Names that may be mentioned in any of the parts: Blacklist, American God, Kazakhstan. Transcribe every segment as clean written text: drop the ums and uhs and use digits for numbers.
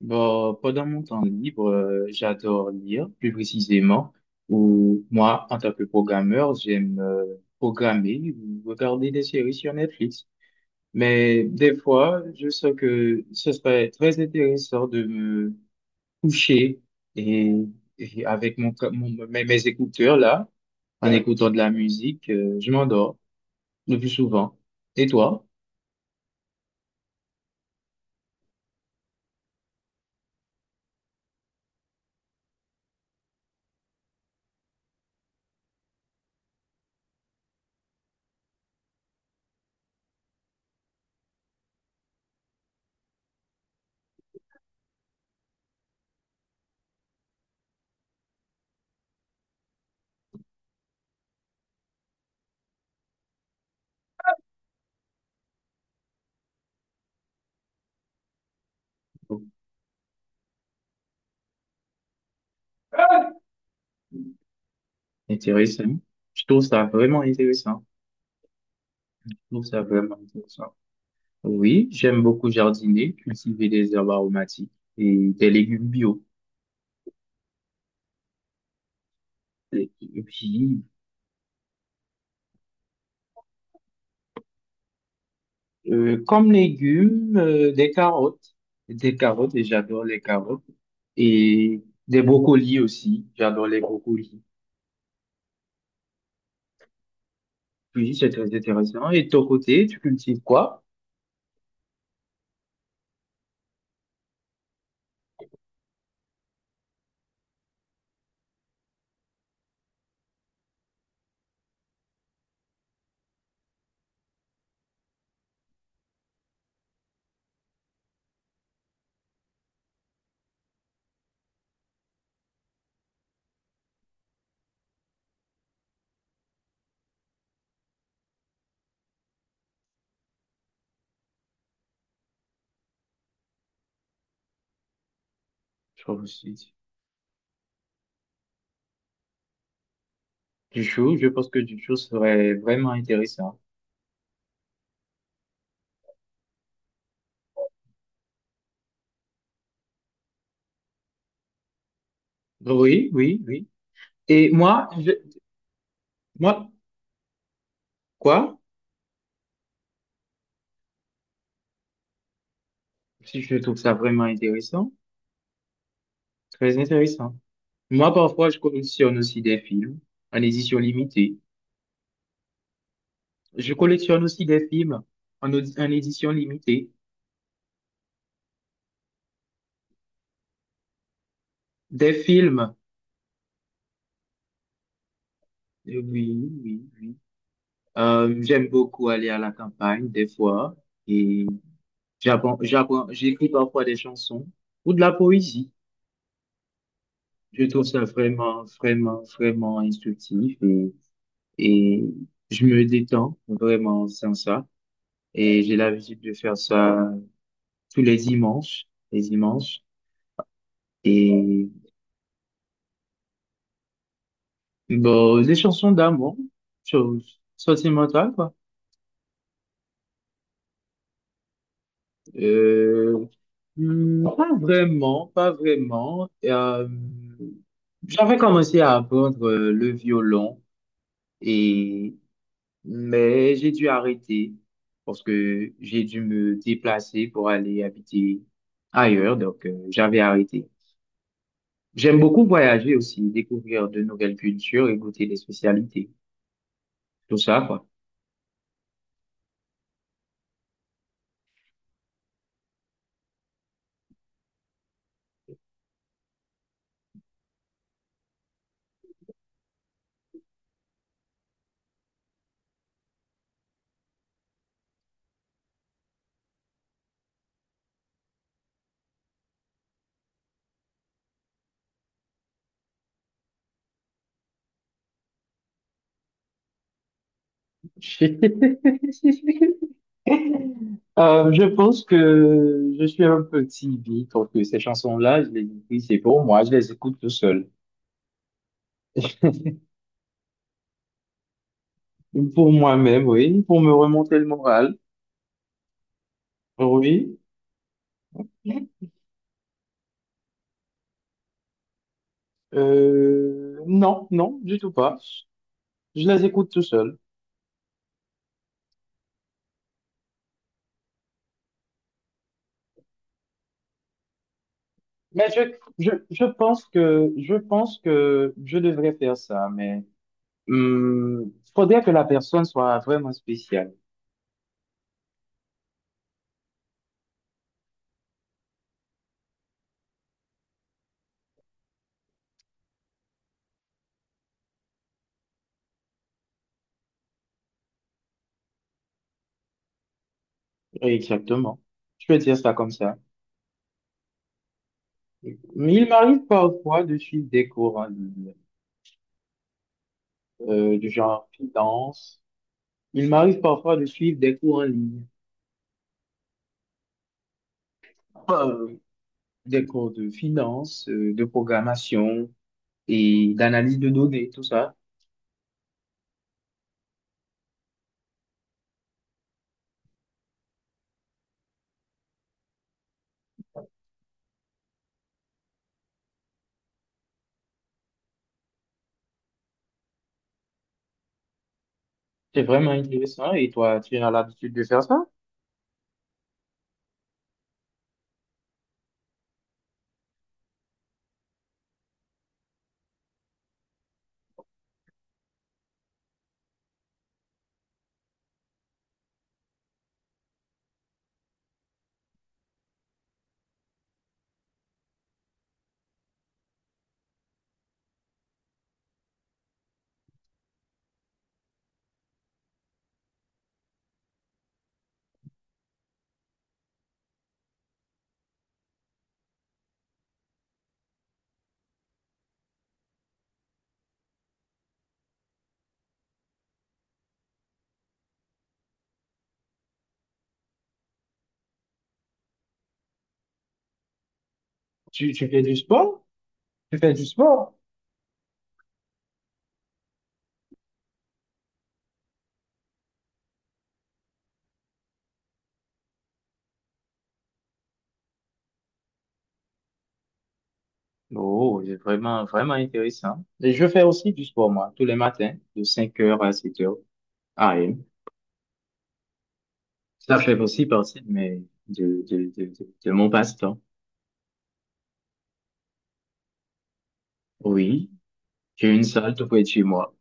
Bon, pendant mon temps libre, j'adore lire, plus précisément, ou moi, en tant que programmeur, j'aime programmer ou regarder des séries sur Netflix. Mais des fois, je sais que ce serait très intéressant de me coucher et, et avec mon, co- mon- mes, mes écouteurs là, en écoutant de la musique, je m'endors le plus souvent. Et toi? Intéressant. Je trouve ça vraiment intéressant. Je trouve ça vraiment intéressant. Oui, j'aime beaucoup jardiner, cultiver des herbes aromatiques et des légumes bio. Et puis, comme légumes, des carottes, et j'adore les carottes, et des brocolis aussi, j'adore les brocolis. Oui, c'est très intéressant. Et de ton côté, tu cultives quoi? Je trouve aussi du chou, je pense que du chou serait vraiment intéressant. Oui, oui, oui. Et moi, je, moi, quoi? Si je trouve ça vraiment intéressant, très intéressant. Moi, parfois, je collectionne aussi des films en édition limitée. Je collectionne aussi des films en, en édition limitée. Des films, oui, oui, oui. J'aime beaucoup aller à la campagne, des fois, et j'écris parfois des chansons ou de la poésie. Je trouve ça vraiment, vraiment, vraiment instructif et je me détends vraiment sans ça. Et j'ai l'habitude de faire ça tous les dimanches, les dimanches. Et bon, des chansons d'amour, sur- sentimentales, quoi. Euh, pas vraiment, pas vraiment. J'avais commencé à apprendre le violon, et, mais j'ai dû arrêter parce que j'ai dû me déplacer pour aller habiter ailleurs, donc j'avais arrêté. J'aime beaucoup voyager aussi, découvrir de nouvelles cultures et goûter des spécialités. Tout ça, quoi. Je pense que je suis un petit bi, donc que ces chansons-là, je les écris, c'est pour moi, je les écoute tout seul. Pour moi-même, oui, pour me remonter le moral, oui. Non, non, du tout pas. Je les écoute tout seul. Mais je pense que, je pense que je devrais faire ça, mais il faudrait que la personne soit vraiment spéciale. Exactement. Je peux dire ça comme ça. Mais il m'arrive parfois de suivre des cours en ligne, du genre finance. Il m'arrive parfois de suivre des cours en ligne, euh, des cours de finance, de programmation et d'analyse de données, tout ça. C'est vraiment intéressant. Et toi, tu as l'habitude de faire ça? Tu fais du sport? Tu fais du sport? Oh, c'est vraiment, vraiment intéressant. Et je fais aussi du sport, moi, tous les matins, de 5h à 7h AM. Ça fait aussi partie de mes, de mon passe-temps. Oui, j'ai une salle tout près de chez moi.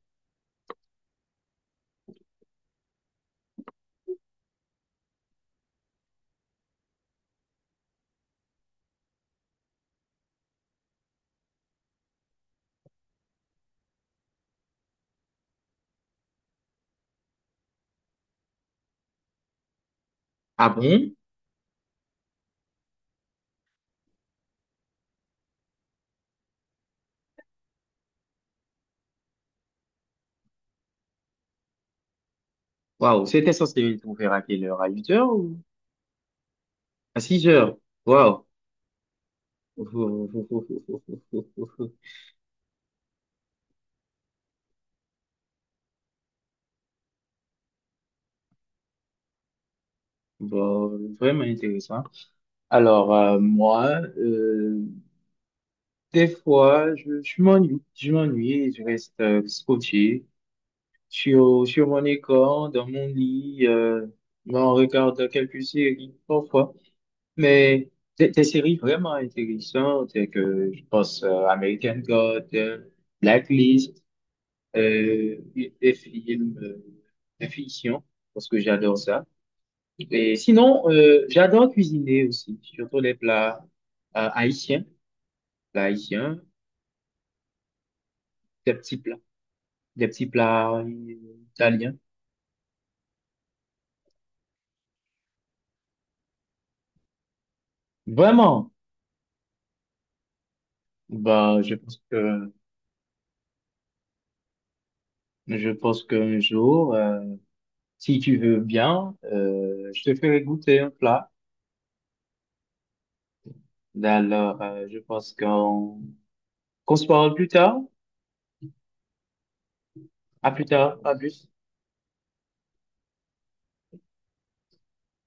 Ah bon? Waouh, c'était censé être ouvert à quelle heure? À 8h ou à 6h. Waouh. Bon, vraiment intéressant. Alors, moi, euh, des fois, je m'ennuie et je reste scotché sur mon écran, dans mon lit, ben, on regarde quelques séries parfois, mais des séries vraiment intéressantes, et que je pense American God, Blacklist, des films de fiction, parce que j'adore ça. Et sinon, j'adore cuisiner aussi, surtout les plats haïtiens, plats haïtiens, des petits plats, des petits plats italiens. Vraiment, bah, je pense que je pense qu'un jour, si tu veux bien, je te ferai goûter un plat. Ben alors, je pense qu'on se parle plus tard. À plus tard. À plus.